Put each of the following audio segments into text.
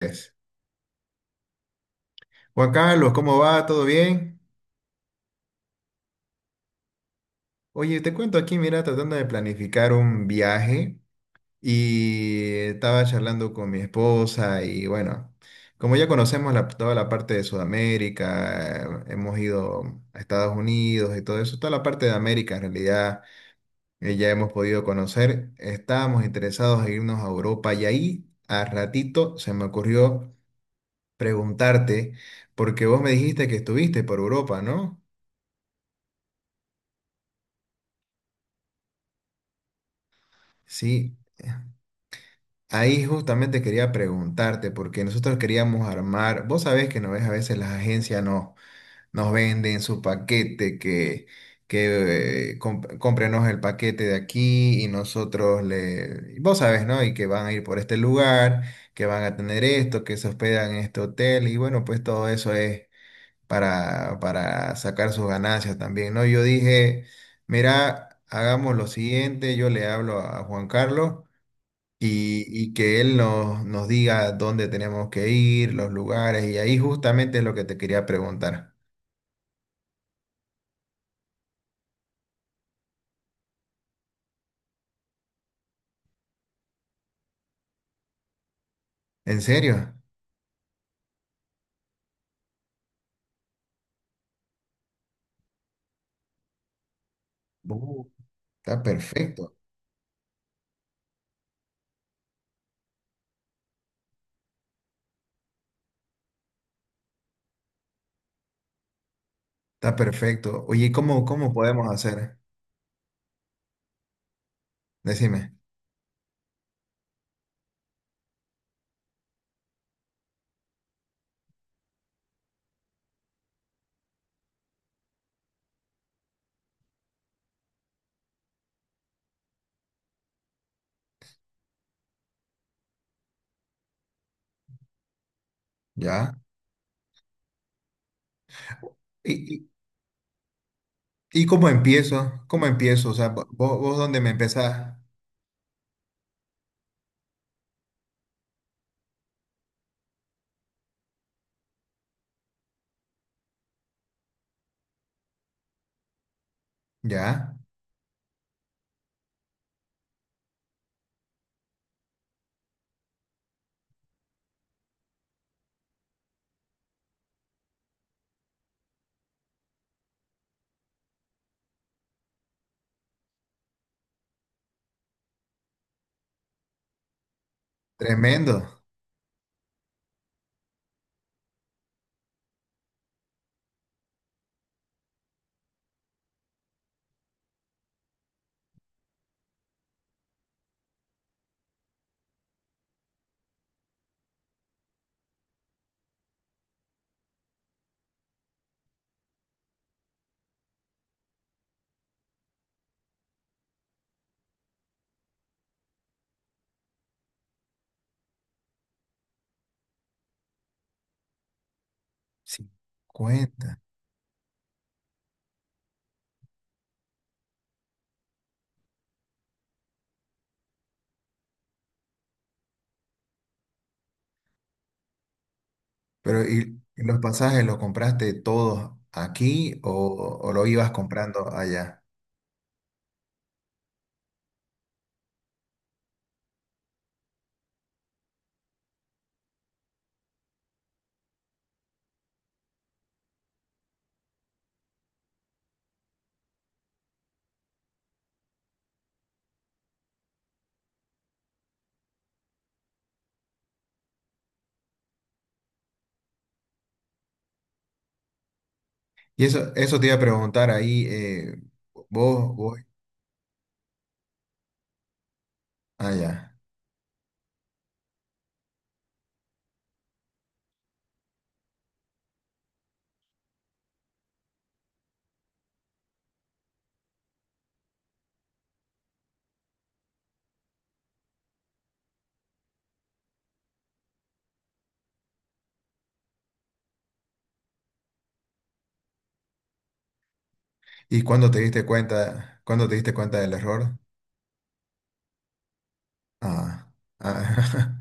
Es. Juan Carlos, ¿cómo va? ¿Todo bien? Oye, te cuento aquí, mira, tratando de planificar un viaje y estaba charlando con mi esposa y bueno, como ya conocemos toda la parte de Sudamérica, hemos ido a Estados Unidos y todo eso, toda la parte de América en realidad ya hemos podido conocer, estábamos interesados en irnos a Europa y ahí a ratito se me ocurrió preguntarte, porque vos me dijiste que estuviste por Europa, ¿no? Sí. Ahí justamente quería preguntarte, porque nosotros queríamos armar, vos sabés que no ves, a veces las agencias nos venden su paquete, cómprenos el paquete de aquí y nosotros le, vos sabés, ¿no? Y que van a ir por este lugar, que van a tener esto, que se hospedan en este hotel y bueno, pues todo eso es para sacar sus ganancias también, ¿no? Yo dije, mira, hagamos lo siguiente, yo le hablo a Juan Carlos y que él nos diga dónde tenemos que ir, los lugares, y ahí justamente es lo que te quería preguntar. ¿En serio? Uh, está perfecto, está perfecto. Oye, ¿y ¿cómo podemos hacer? Decime. ¿Ya? ¿Y, y, y cómo empiezo? ¿Cómo empiezo? O sea, ¿vos dónde me empezás? ¿Ya? Tremendo. 50. Pero ¿y los pasajes los compraste todos aquí o lo ibas comprando allá? Y eso te iba a preguntar ahí, vos, vos, ah, ya. ¿Y cuándo te diste cuenta, cuándo te diste cuenta del error? Ah, ah.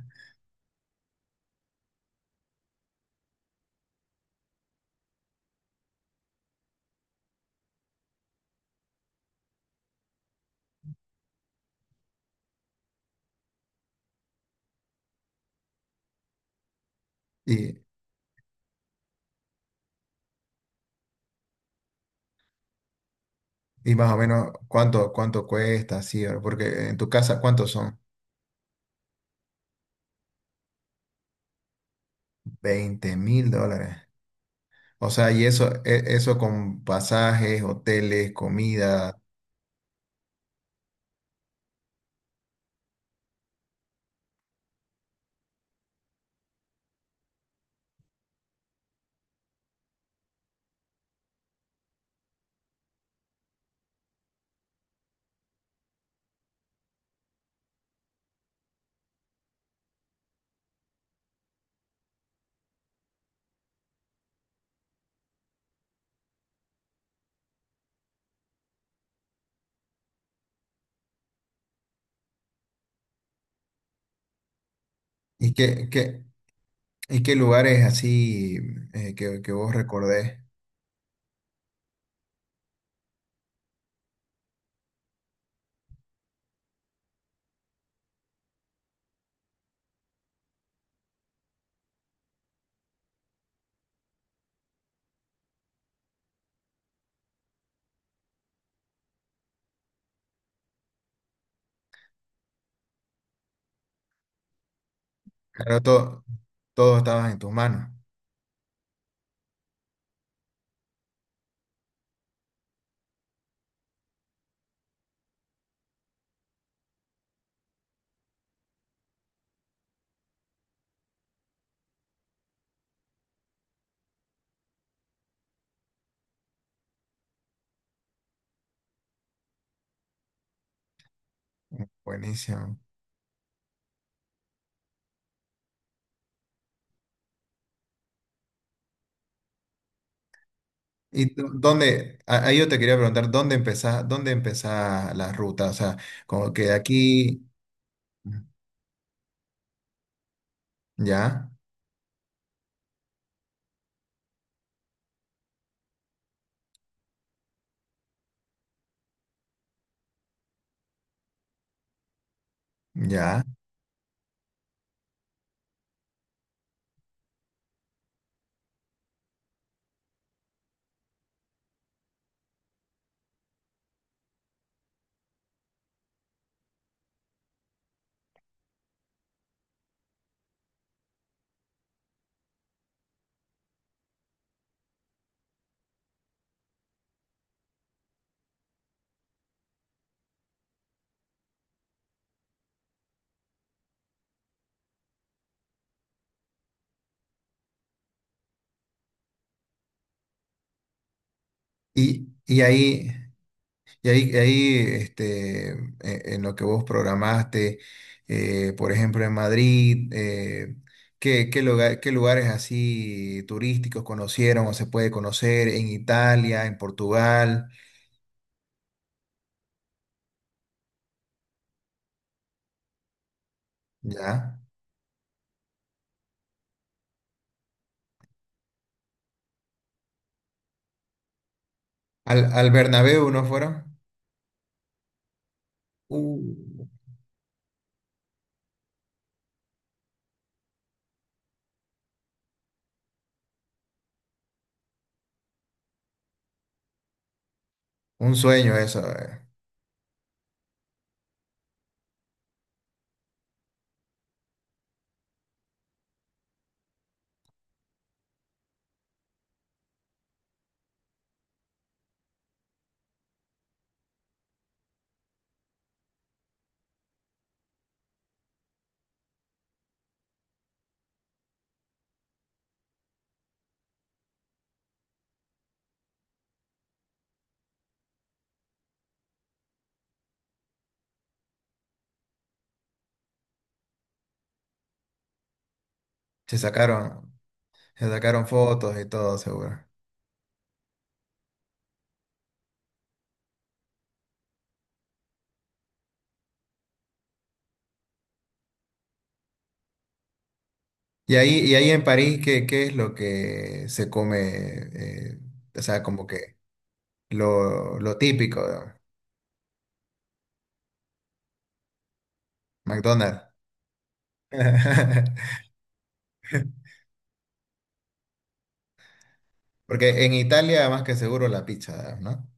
Y, y más o menos, ¿cuánto cuesta? Sí, porque en tu casa, ¿cuántos son? 20.000 dólares. O sea, y eso con pasajes, hoteles, comida. ¿Y qué lugares así que vos recordés? Claro, todo estaba en tus manos. Buenísimo. ¿Y dónde? Ahí yo te quería preguntar, ¿dónde empezás la ruta? O sea, como que de aquí, ya, ya. Y, y ahí, y ahí, en lo que vos programaste, por ejemplo, en Madrid, ¿qué lugares así turísticos conocieron o se puede conocer en Italia, en Portugal? ¿Ya? ¿Al Bernabéu no fueron? Uh, un sueño eso. Se sacaron, se sacaron fotos y todo, seguro. Y ahí en París, ¿qué es lo que se come? O sea, como que lo típico, ¿no? McDonald's. Porque en Italia, más que seguro, la pizza, ¿no?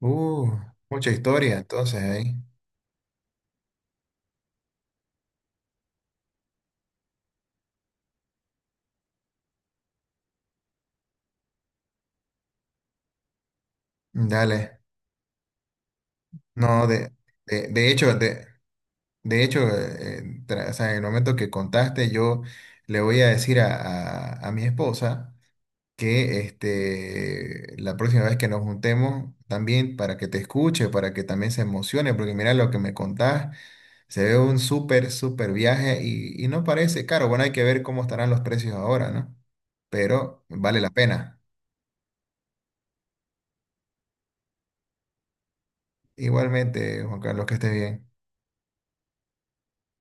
Uh, mucha historia, entonces, ahí. Dale. No, de, de hecho, de, de hecho, o sea, en el momento que contaste, yo le voy a decir a mi esposa que la próxima vez que nos juntemos también para que te escuche, para que también se emocione, porque mira lo que me contás, se ve un súper, súper viaje y no parece caro. Bueno, hay que ver cómo estarán los precios ahora, ¿no? Pero vale la pena. Igualmente, Juan Carlos, que estés bien.